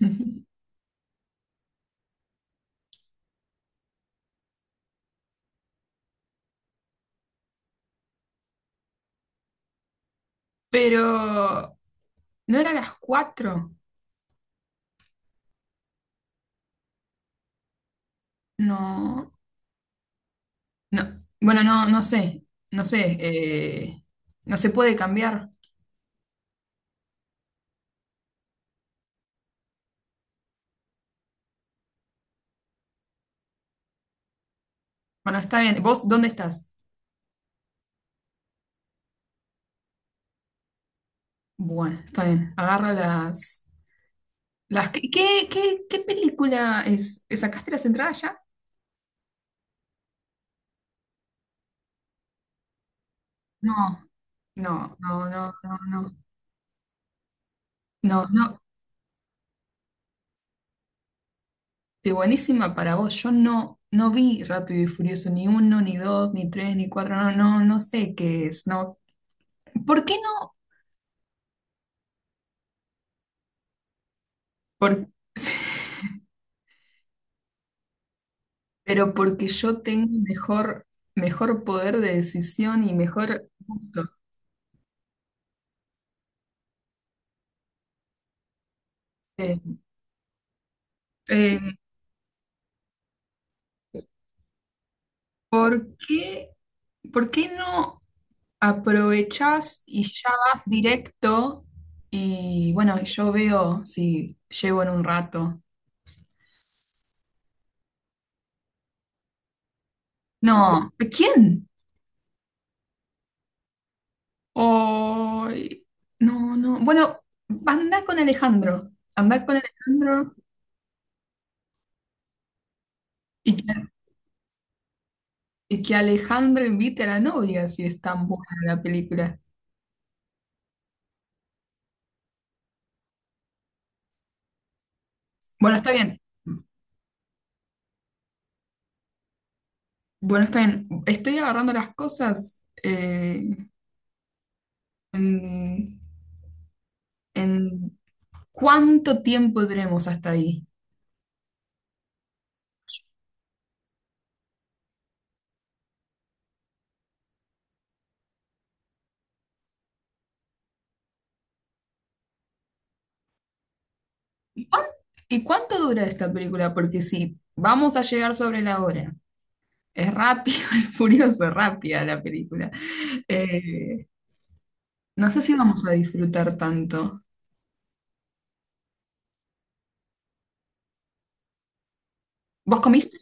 Pero no era a las cuatro. No, no. Bueno, no, no sé. No sé. No se puede cambiar. Bueno, está bien. ¿Vos dónde estás? Bueno, está bien. ¿Qué película es? ¿Sacaste las entradas ya? No, no, no, no, no, no. No, no. De buenísima para vos. Yo no vi Rápido y Furioso, ni uno, ni dos, ni tres, ni cuatro. No, no, no sé qué es. No. ¿Por qué no? ¿Por Pero porque yo tengo mejor poder de decisión y mejor gusto. Eh, eh, ¿por qué, por qué no aprovechás y ya vas directo? Y bueno, yo veo si llego en un rato. No, ¿quién? Ay, no, no. Bueno, anda con Alejandro. Anda con Alejandro y que, y que Alejandro invite a la novia si es tan buena la película. Bueno, está bien. Bueno, está bien. Estoy agarrando las cosas. En, en cuánto tiempo tenemos hasta ahí? ¿Y cuán- y cuánto dura esta película? Porque si vamos a llegar sobre la hora, es rápido, es furioso, rápida la película. eh, no sé si vamos a disfrutar tanto. ¿Vos comiste?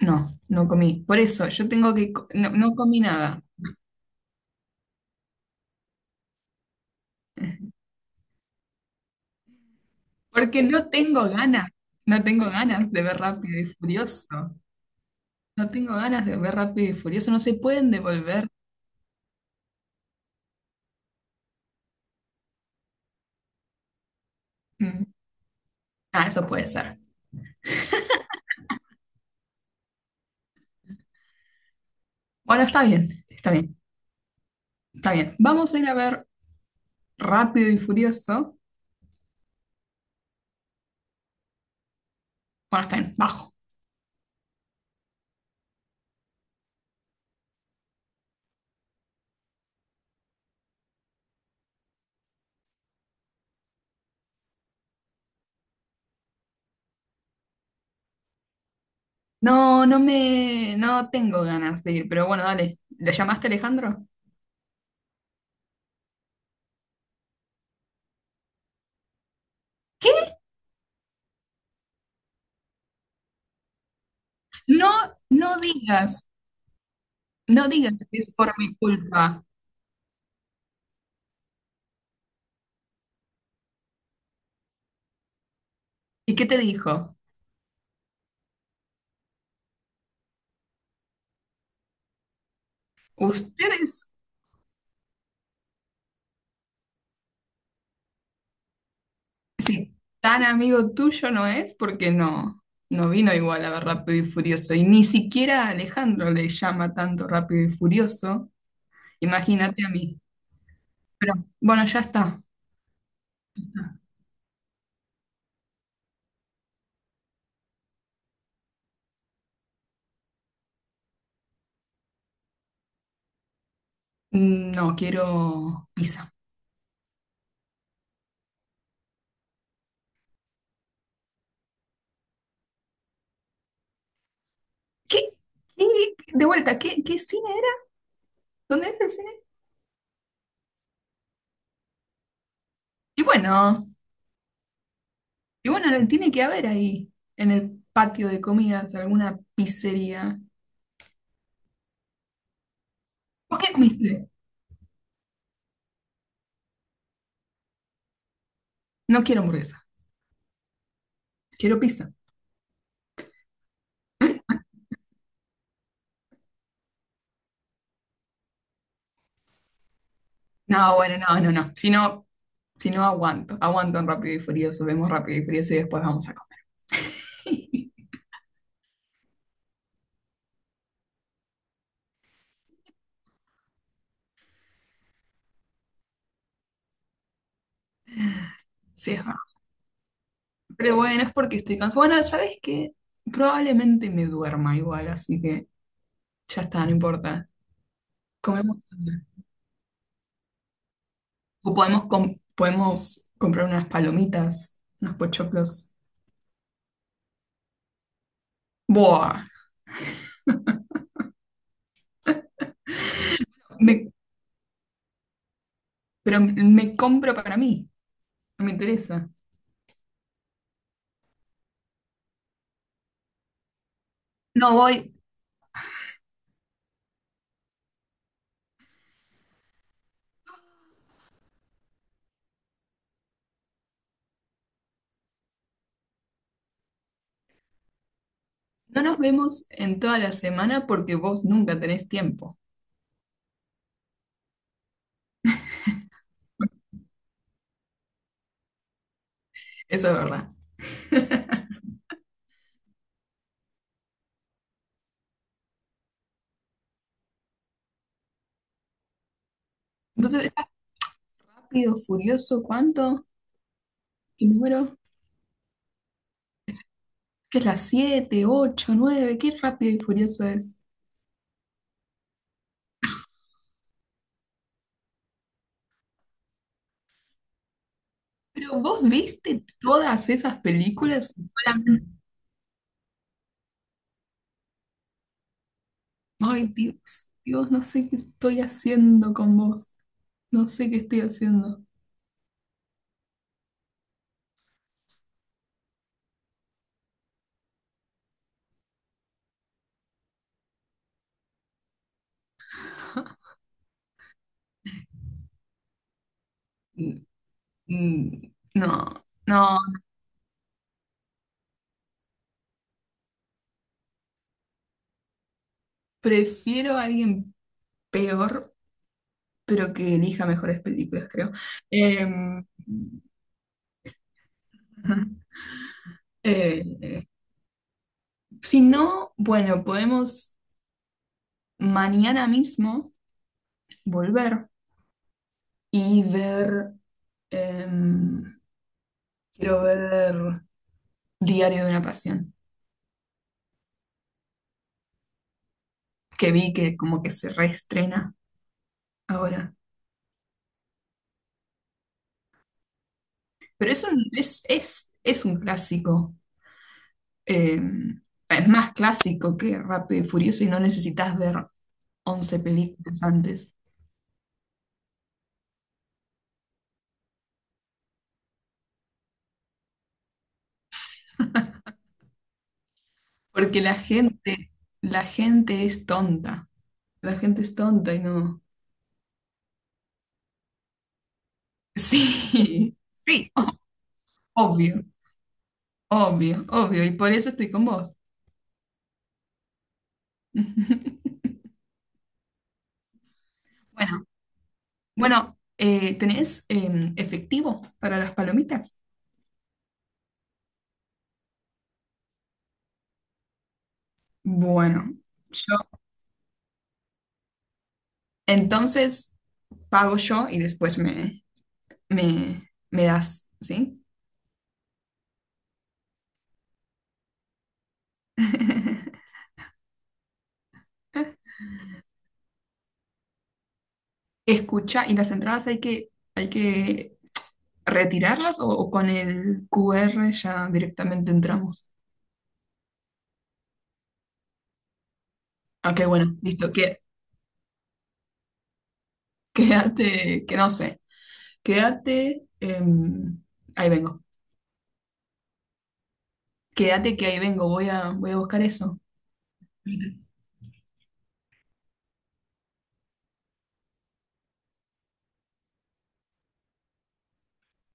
No, no comí. Por eso, yo tengo que... co- no, no comí nada. Porque no tengo ganas. No tengo ganas de ver rápido y furioso. No tengo ganas de ver Rápido y Furioso, no se pueden devolver. Mm. Ah, eso puede ser. Bueno, está bien, está bien, está bien. Vamos a ir a ver Rápido y Furioso. Bueno, está bien, bajo. No, no tengo ganas de ir, pero bueno, dale. ¿Le llamaste Alejandro? ¿Qué? No, no digas, no digas que es por mi culpa. ¿Y qué te dijo? Ustedes. Si tan amigo tuyo no es, porque no, no vino igual a ver Rápido y Furioso. Y ni siquiera a Alejandro le llama tanto Rápido y Furioso. Imagínate a mí. Pero bueno, ya está. Mm, no, quiero pizza. ¿Qué? ¿Qué? De vuelta, ¿qué cine era? ¿Dónde es el cine? Y bueno, y bueno, no, tiene que haber ahí, en el patio de comidas, alguna pizzería. ¿Vos qué comiste? No quiero hamburguesa, quiero pizza. No, bueno, no, no, no. Si no. Si no, aguanto. Aguanto en Rápido y Furioso. Vemos Rápido y Furioso y después vamos a comer. Sí, es verdad. Pero bueno, es porque estoy cansada. Bueno, ¿sabes qué? Probablemente me duerma igual, así que ya está, no importa. Comemos. O podemos comprar unas palomitas, unos pochoclos. Buah. Me- pero me compro para mí. No me interesa. No voy. No nos vemos en toda la semana porque vos nunca tenés tiempo. Eso es verdad. Entonces, Rápido, Furioso, ¿cuánto? ¿Qué número? Que es las siete, ocho, nueve, qué Rápido y Furioso es. Pero vos viste todas esas películas y solamente. Ay, Dios, Dios, no sé qué estoy haciendo con vos. No sé qué estoy haciendo. Mm, mm, no, no, prefiero a alguien peor, pero que elija mejores películas, creo. Em, ajá. Eh, si no, bueno, podemos mañana mismo volver y ver. Em, Quiero ver Diario de una Pasión, que vi que como que se reestrena ahora. Pero es un clásico. em, es más clásico que Rápido y Furioso y no necesitas ver 11 películas antes. Porque la gente es tonta. La gente es tonta y no. Sí, sí, obvio, obvio, obvio. Y por eso estoy con vos. Bueno. Bueno, ¿tenés efectivo para las palomitas? Bueno, yo entonces pago yo y después me das, ¿sí? Escucha, ¿y las entradas hay que retirarlas o con el QR ya directamente entramos? Ok, bueno, listo, quédate, que no sé, quédate, ahí vengo, quédate que ahí vengo, voy a buscar eso.